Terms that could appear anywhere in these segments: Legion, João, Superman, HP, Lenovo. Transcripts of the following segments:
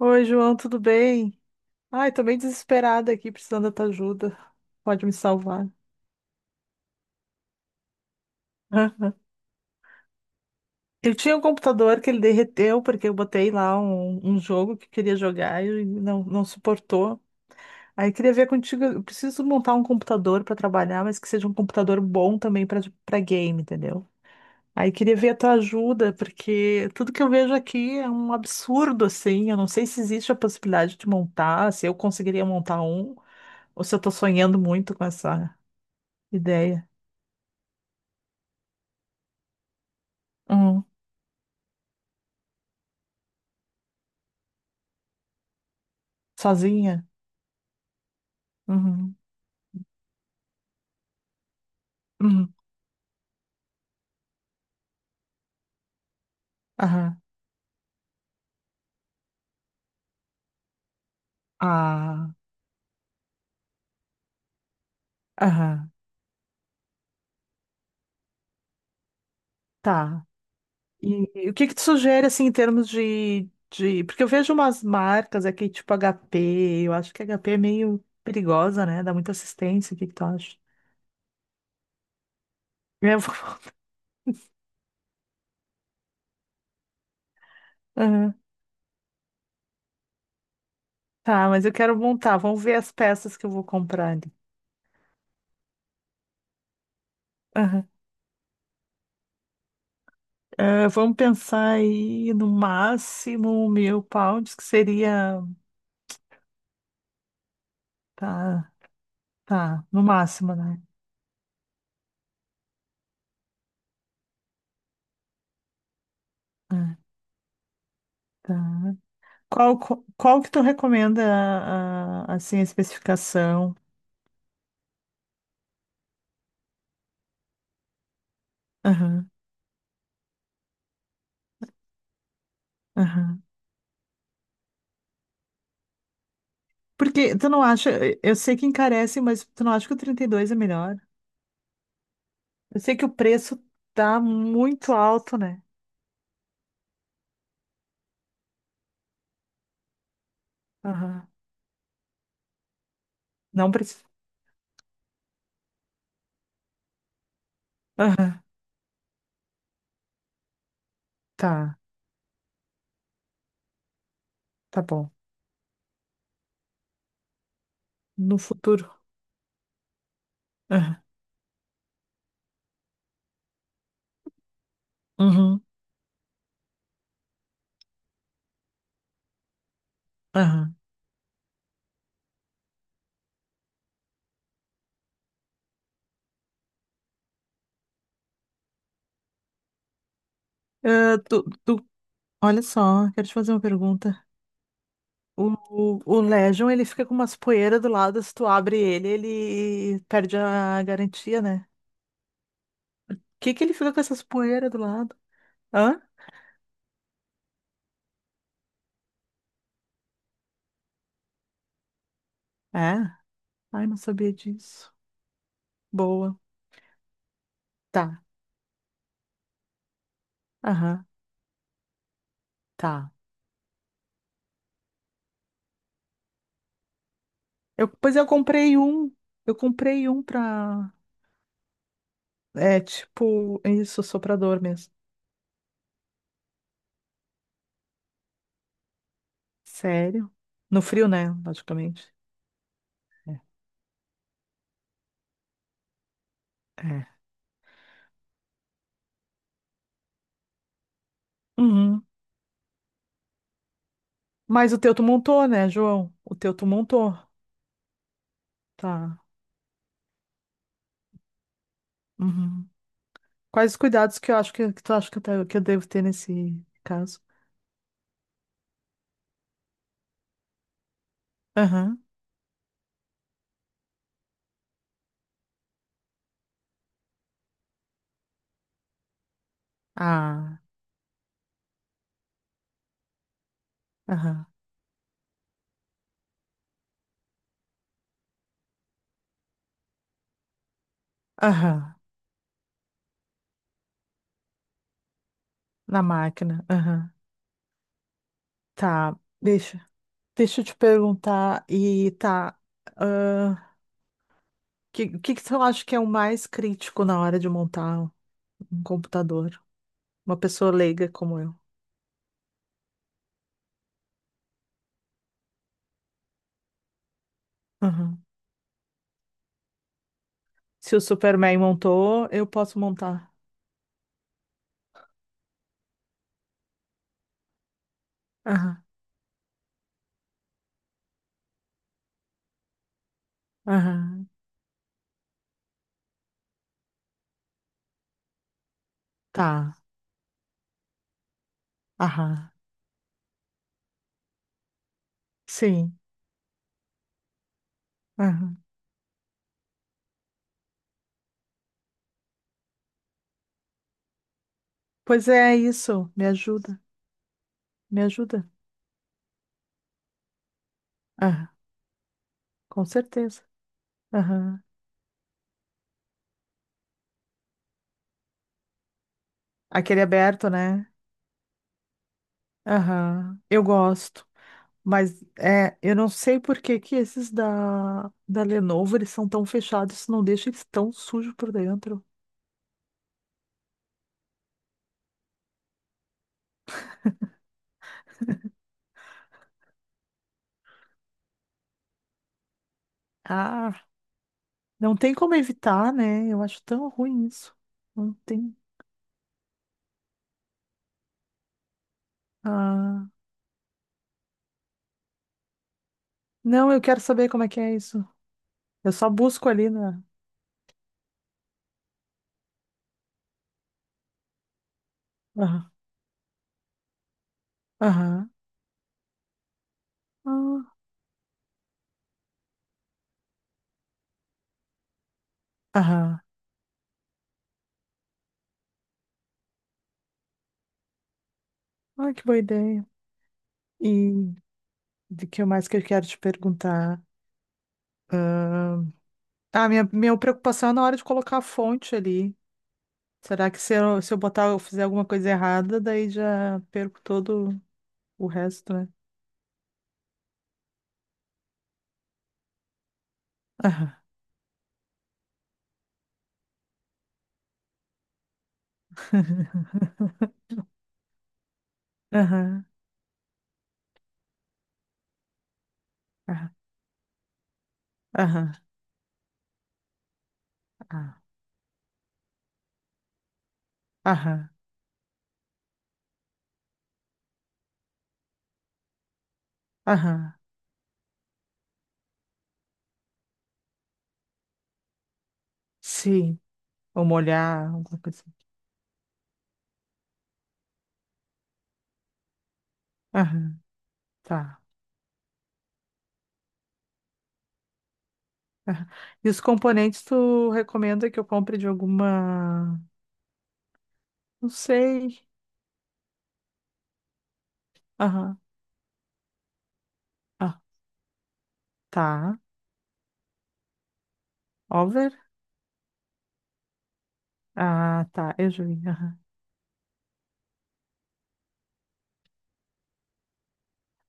Oi, João, tudo bem? Ai, tô bem desesperada aqui, precisando da tua ajuda. Pode me salvar. Aham. Eu tinha um computador que ele derreteu, porque eu botei lá um jogo que queria jogar e não suportou. Aí queria ver contigo, eu preciso montar um computador para trabalhar, mas que seja um computador bom também para game, entendeu? Aí queria ver a tua ajuda, porque tudo que eu vejo aqui é um absurdo, assim. Eu não sei se existe a possibilidade de montar, se eu conseguiria montar um, ou se eu tô sonhando muito com essa ideia. Hum. Sozinha? Uhum. Uhum. Aham. Ah. Aham. Tá. E o que que tu sugere, assim, em termos de... Porque eu vejo umas marcas aqui, tipo HP. Eu acho que HP é meio perigosa, né? Dá muita assistência. O que que tu acha? Eu vou- Aham. Tá, mas eu quero montar. Vamos ver as peças que eu vou comprar ali. Aham. Ah, vamos pensar aí no máximo 1000 pounds, que seria... Tá, tá. No máximo, né? Ah, tá. Qual que tu recomenda, assim, a especificação? Aham, aham. Porque tu não acha, eu sei que encarece, mas tu não acha que o 32 é melhor? Eu sei que o preço tá muito alto, né? Aham. Não precisa. Aham, tá, tá bom. No futuro. Aham, uhum, aham. Ah, tu, olha só, quero te fazer uma pergunta. O, o Legion, ele fica com umas poeiras do lado, se tu abre ele, ele perde a garantia, né? Que ele fica com essas poeiras do lado? Hã? É? Ai, não sabia disso. Boa. Tá. Aham. Tá. Pois eu comprei um. Eu comprei um pra. É tipo, isso, soprador mesmo. Sério? No frio, né? Logicamente. É. Uhum. Mas o teu tu montou, né, João? O teu tu montou. Tá. Uhum. Quais os cuidados que eu acho que tu acha que que eu devo ter nesse caso? Aham. Ah. Aham. Aham. Na máquina. Aham. Tá, deixa. Deixa eu te perguntar, e tá, o que que você acha que é o mais crítico na hora de montar um computador? Uma pessoa leiga como eu. Aham. Se o Superman montou, eu posso montar. Aham, aham, tá, aham, sim, aham. Pois é, é isso, me ajuda, me ajuda. Aham, com certeza. Aham. Aquele aberto, né? Aham, eu gosto. Mas é, eu não sei por que que esses da Lenovo eles são tão fechados, não deixa eles tão sujos por dentro. Ah, não tem como evitar, né? Eu acho tão ruim isso. Não tem. Ah, não, eu quero saber como é que é isso. Eu só busco ali na. Aham, aham, ah, aham. Ah, que boa ideia. E de que mais que eu quero te perguntar? Ah, minha preocupação é na hora de colocar a fonte ali. Será que se eu, se eu botar, eu fizer alguma coisa errada, daí já perco todo o resto, né? Aham. Aham. Aham. Aham. Ah, aham. Aham. Sim. Ou molhar, alguma coisa assim. Aham. Tá. Aham. E os componentes tu recomenda que eu compre de alguma. Não sei. Aham. Ah, tá. Over? Ah, tá. Eu já vi. Aham.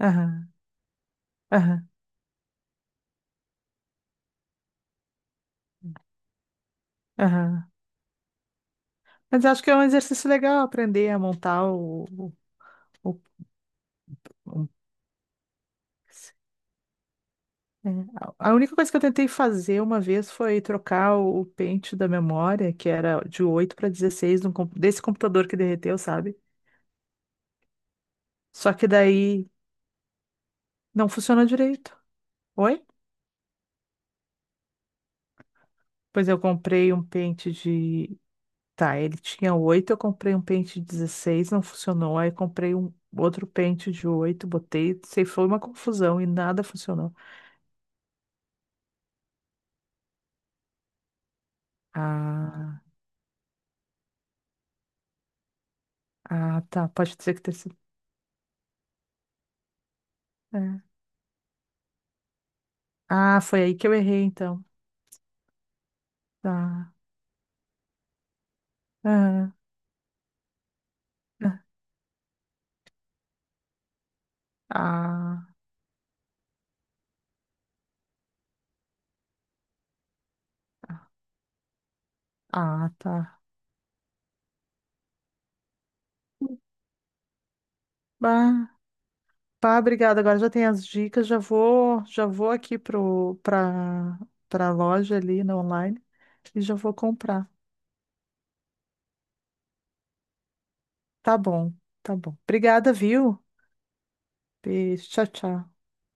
Aham. Aham. Aham. Mas acho que é um exercício legal aprender a montar o- o- é, a única coisa que eu tentei fazer uma vez foi trocar o pente da memória, que era de 8 para 16 desse computador que derreteu, sabe? Só que daí não funcionou direito. Oi? Pois eu comprei um pente de. Tá, ele tinha 8, eu comprei um pente de 16, não funcionou. Aí comprei um outro pente de 8, botei, sei, foi uma confusão e nada funcionou. Ah, ah, tá, pode dizer que ter sido. É. Ah, foi aí que eu errei então. Tá. Aham. Ah, ah, tá. Bah, bah, obrigada. Agora já tem as dicas. Já vou aqui pro para para loja ali na online e já vou comprar. Tá bom, tá bom. Obrigada, viu? Beijo, tchau, tchau.